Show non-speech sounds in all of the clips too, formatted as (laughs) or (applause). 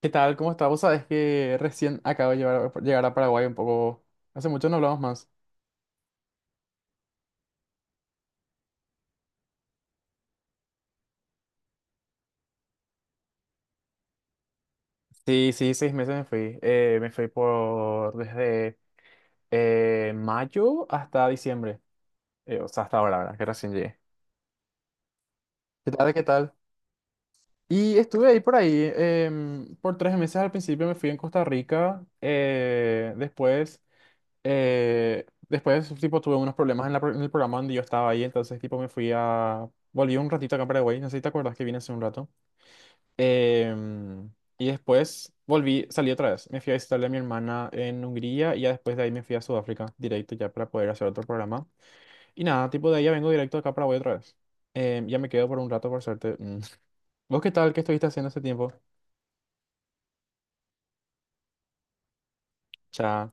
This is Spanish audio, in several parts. ¿Qué tal? ¿Cómo estás? Vos sabés que recién acabo de llegar a Paraguay un poco. Hace mucho no hablamos más. Sí, sí, 6 meses me fui. Me fui por desde mayo hasta diciembre. O sea, hasta ahora, ¿verdad? Que recién llegué. ¿Qué tal? ¿Qué tal? Y estuve ahí por ahí por 3 meses. Al principio me fui en Costa Rica. Después, tipo, tuve unos problemas en el programa donde yo estaba ahí. Entonces, tipo, volví un ratito acá a Paraguay. No sé si te acuerdas que vine hace un rato. Em, y después volví, salí otra vez. Me fui a visitarle a mi hermana en Hungría y ya después de ahí me fui a Sudáfrica directo ya para poder hacer otro programa. Y nada, tipo de ahí ya vengo directo acá para Paraguay otra vez. Ya me quedo por un rato por suerte. Mm. (laughs) ¿Vos qué tal? ¿Qué estuviste haciendo ese tiempo? Cha,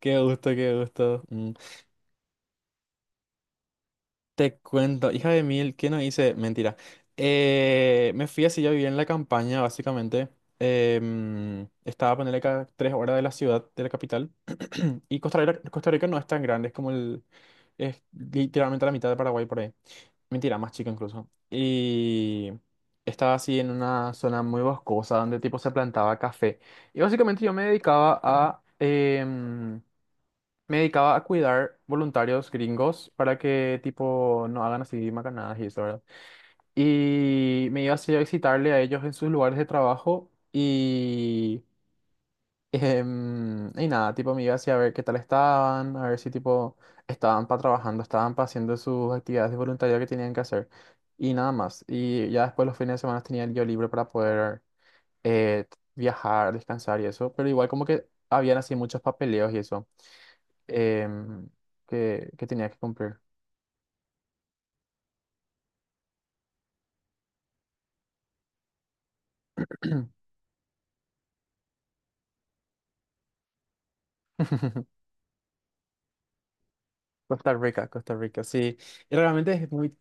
qué gusto, qué gusto. Mm. Te cuento, hija de mil, ¿qué no hice? Mentira. Me fui así, yo vivía en la campaña, básicamente. Estaba a ponerle cada 3 horas de la ciudad, de la capital. (clears throat) Y Costa Rica, Costa Rica no es tan grande, es literalmente la mitad de Paraguay por ahí. Mentira, más chico incluso. Y estaba así en una zona muy boscosa donde tipo se plantaba café. Y básicamente yo me dedicaba a cuidar voluntarios gringos para que, tipo, no hagan así macanadas y eso, ¿verdad? Y me iba así a visitarle a ellos en sus lugares de trabajo y... y nada, tipo, me iba así a ver qué tal estaban, a ver si, tipo, estaban para trabajando, estaban para haciendo sus actividades de voluntariado que tenían que hacer. Y nada más. Y ya después los fines de semana tenía el día libre para poder eh, viajar, descansar y eso. Pero igual como que habían así muchos papeleos y eso, em, que tenía que cumplir. (clears throat) Costa Rica, Costa Rica, sí. Y realmente es muy,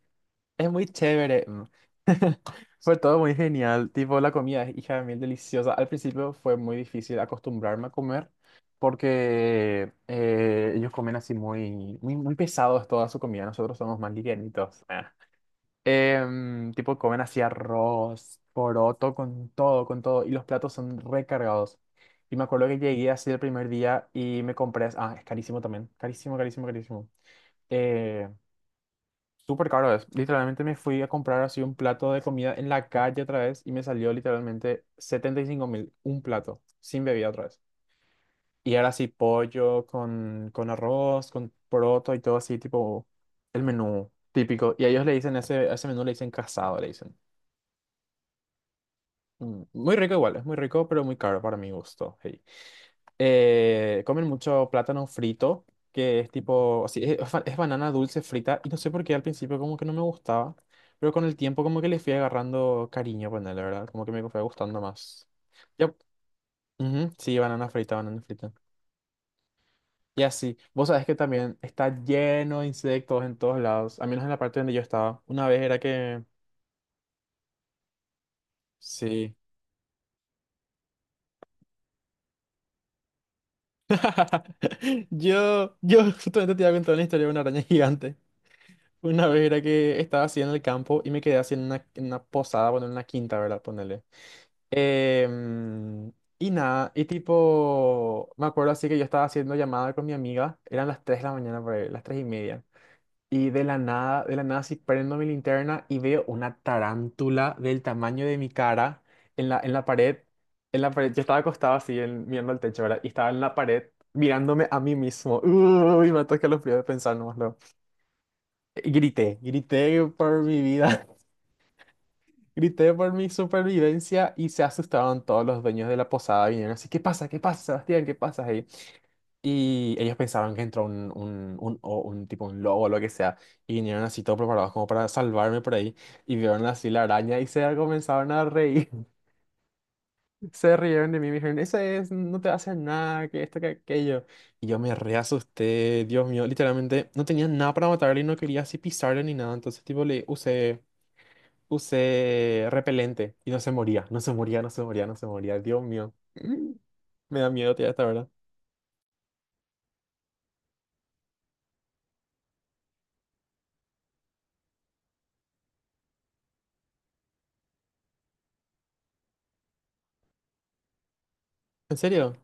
es muy chévere. Mm. (laughs) Fue todo muy genial. Tipo, la comida es hija de mil deliciosa. Al principio fue muy difícil acostumbrarme a comer porque ellos comen así muy, muy, muy pesados toda su comida. Nosotros somos más livianitos. Ah. Tipo, comen así arroz, poroto, con todo, con todo. Y los platos son recargados. Y me acuerdo que llegué así el primer día y me compré. Ah, es carísimo también. Carísimo, carísimo, carísimo. Eh, súper caro es. Literalmente me fui a comprar así un plato de comida en la calle otra vez y me salió literalmente 75.000. Un plato, sin bebida otra vez. Y ahora sí, pollo con arroz, con poroto y todo así, tipo, el menú típico. Y a ellos le dicen ese, a ese menú le dicen casado, le dicen. Muy rico igual, es muy rico, pero muy caro para mi gusto. Hey. Comen mucho plátano frito, que es tipo, así, es banana dulce frita, y no sé por qué al principio como que no me gustaba, pero con el tiempo como que le fui agarrando cariño, ponele, ¿verdad? Como que me fue gustando más. Ya, ujú, sí, banana frita, banana frita. Y así, vos sabés que también está lleno de insectos en todos lados, al menos en la parte donde yo estaba. Una vez era que, sí. (laughs) Yo justamente te iba a contar una historia de una araña (laughs) gigante. Una vez era que estaba así en el campo y me quedé así en una posada, bueno, en una quinta, ¿verdad? Ponele. Em, y nada, y tipo, me acuerdo así que yo estaba haciendo llamada con mi amiga, eran las 3 de la mañana, por ahí, las 3:30. Y de la nada, sí prendo mi linterna y veo una tarántula del tamaño de mi cara en la pared. En la pared, yo estaba acostado así, mirando al techo, ¿verdad? Y estaba en la pared mirándome a mí mismo. (laughs) Uy, me ataca los fríos de pensar nomás. Luego. Y grité, grité por mi vida, (laughs) grité por mi supervivencia y se asustaron todos los dueños de la posada. Vinieron así, ¿qué pasa? ¿Qué pasa, Sebastián? ¿Qué pasa? Ahí, y ellos pensaban que entró o un tipo, un lobo o lo que sea, y vinieron así todos preparados como para salvarme por ahí, y vieron así la araña y se comenzaron a reír, (laughs) se rieron de mí, y me dijeron, eso es, no te va a hacer nada, que esto, que aquello, y yo me re asusté, Dios mío, literalmente no tenía nada para matarle y no quería así pisarle ni nada, entonces tipo usé repelente y no se moría, no se moría, no se moría, no se moría, Dios mío. (laughs) Me da miedo, tía, hasta ahora. ¿En serio?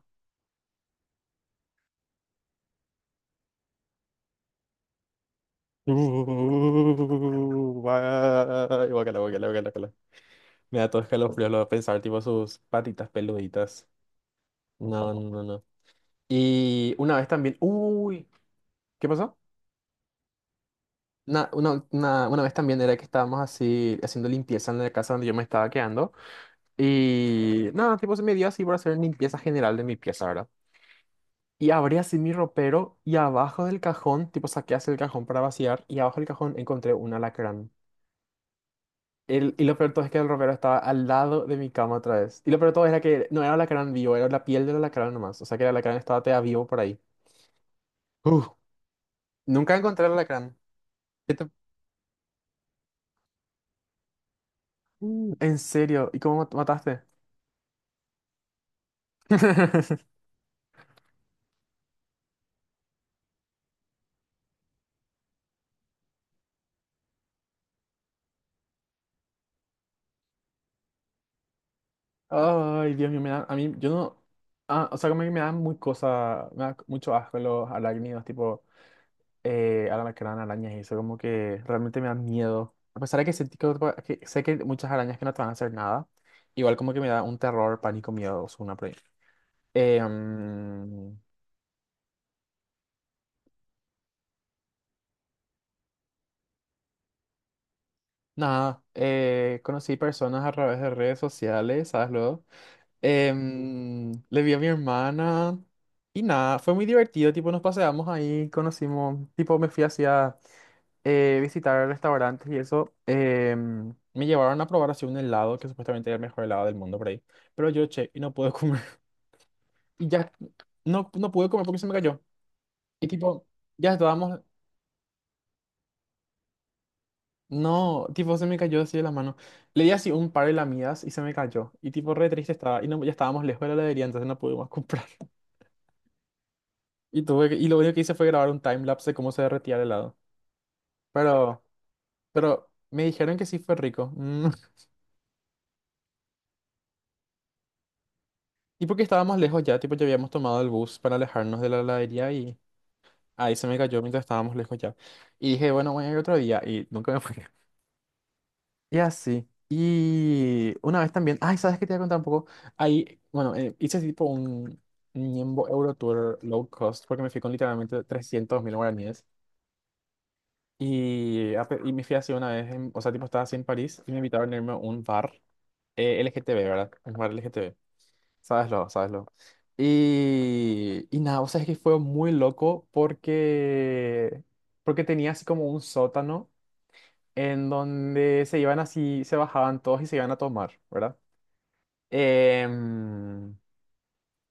Guay, guácala, guácala, guácala. Me da todo escalofrío lo de pensar, tipo sus patitas peluditas. No, no, no. No. Y una vez también. Uy, ¿qué pasó? Una vez también era que estábamos así haciendo limpieza en la casa donde yo me estaba quedando. Y nada, tipo se me dio así por hacer limpieza general de mi pieza, ¿verdad? Y abrí así mi ropero y abajo del cajón, tipo saqué así el cajón para vaciar y abajo del cajón encontré un alacrán. El, y lo peor de todo es que el ropero estaba al lado de mi cama otra vez. Y lo peor de todo era que no era alacrán vivo, era la piel del alacrán nomás. O sea que el alacrán estaba todavía vivo por ahí. Uf, nunca encontré el alacrán. ¿Qué te- ¿En serio? ¿Y cómo mataste? (laughs) Ay, Dios mío, a mí, yo no... Ah, o sea, como que me da muy cosa, me da mucho asco los arácnidos, tipo alacrán, arañas y eso, como que realmente me da miedo. A pesar de que, sentí que sé que hay muchas arañas que no te van a hacer nada, igual como que me da un terror, pánico, miedo, una por ahí. Eh, mm, nada, conocí personas a través de redes sociales, ¿sabes luego? Le vi a mi hermana y nada, fue muy divertido, tipo nos paseamos ahí, conocimos, tipo me fui hacia visitar restaurantes y eso. Me llevaron a probar así un helado, que supuestamente era el mejor helado del mundo por ahí, pero yo che, y no pude comer. (laughs) Y ya, no, no pude comer porque se me cayó. Y tipo, ya estábamos... No, tipo, se me cayó así de la mano. Le di así un par de lamidas y se me cayó. Y tipo, re triste estaba. Y no, ya estábamos lejos de la heladería, entonces no pudimos comprar. (laughs) Y tuve que- y lo único que hice fue grabar un timelapse de cómo se derretía el helado. Pero, pero me dijeron que sí fue rico. Mm. (laughs) Y porque estábamos lejos ya, tipo, ya habíamos tomado el bus para alejarnos de la heladería y ahí se me cayó mientras estábamos lejos ya. Y dije, bueno, voy a ir otro día. Y nunca me fui. Y así. Y una vez también, ay, ¿sabes qué te voy a contar un poco? Ahí, bueno, hice tipo un Niembo Euro Tour low cost porque me fui con literalmente 300.000 guaraníes. Y me fui así una vez, o sea, tipo estaba así en París y me invitaron a irme a un bar LGTB, ¿verdad? Un bar L G T LGTB. Sabeslo, sabeslo. Y nada, o sea, es que fue muy loco porque, porque tenía así como un sótano en donde se iban así, se bajaban todos y se iban a tomar, ¿verdad? Em,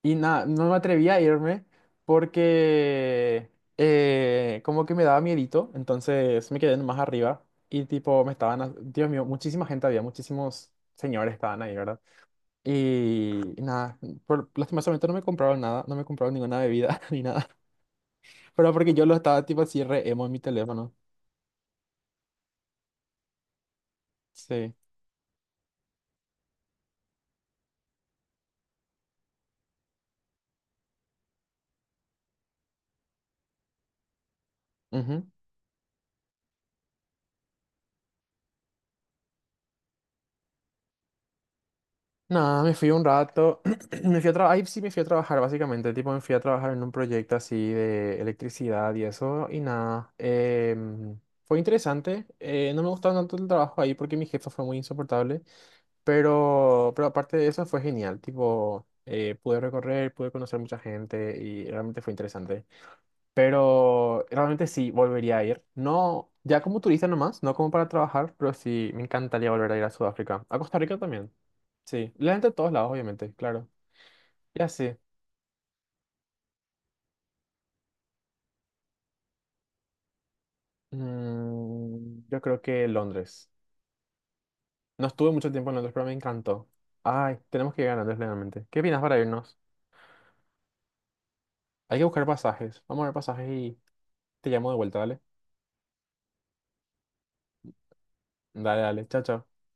y nada, no me atreví a irme porque como que me daba miedito, entonces me quedé más arriba y tipo me estaban, Dios mío, muchísima gente había, muchísimos señores estaban ahí, ¿verdad? Y nada, lastimosamente no me compraron nada, no me compraron ninguna bebida (laughs) ni nada, pero porque yo lo estaba tipo así re emo en mi teléfono. Sí. Nada, me fui un rato, (clears throat) me fui a trabajar, ahí sí me fui a trabajar básicamente, tipo me fui a trabajar en un proyecto así de electricidad y eso, y nada, fue interesante, no me gustaba tanto el trabajo ahí porque mi jefa fue muy insoportable, pero aparte de eso fue genial, tipo pude recorrer, pude conocer mucha gente y realmente fue interesante, pero realmente sí, volvería a ir, no, ya como turista nomás, no como para trabajar, pero sí, me encantaría volver a ir a Sudáfrica, a Costa Rica también. Sí, la gente de todos lados, obviamente, claro. Ya sí. Yo creo que Londres. No estuve mucho tiempo en Londres, pero me encantó. Ay, tenemos que ir a Londres realmente. ¿Qué opinas para irnos? Hay que buscar pasajes. Vamos a ver pasajes y te llamo de vuelta, dale. Dale, dale. Chao, chao.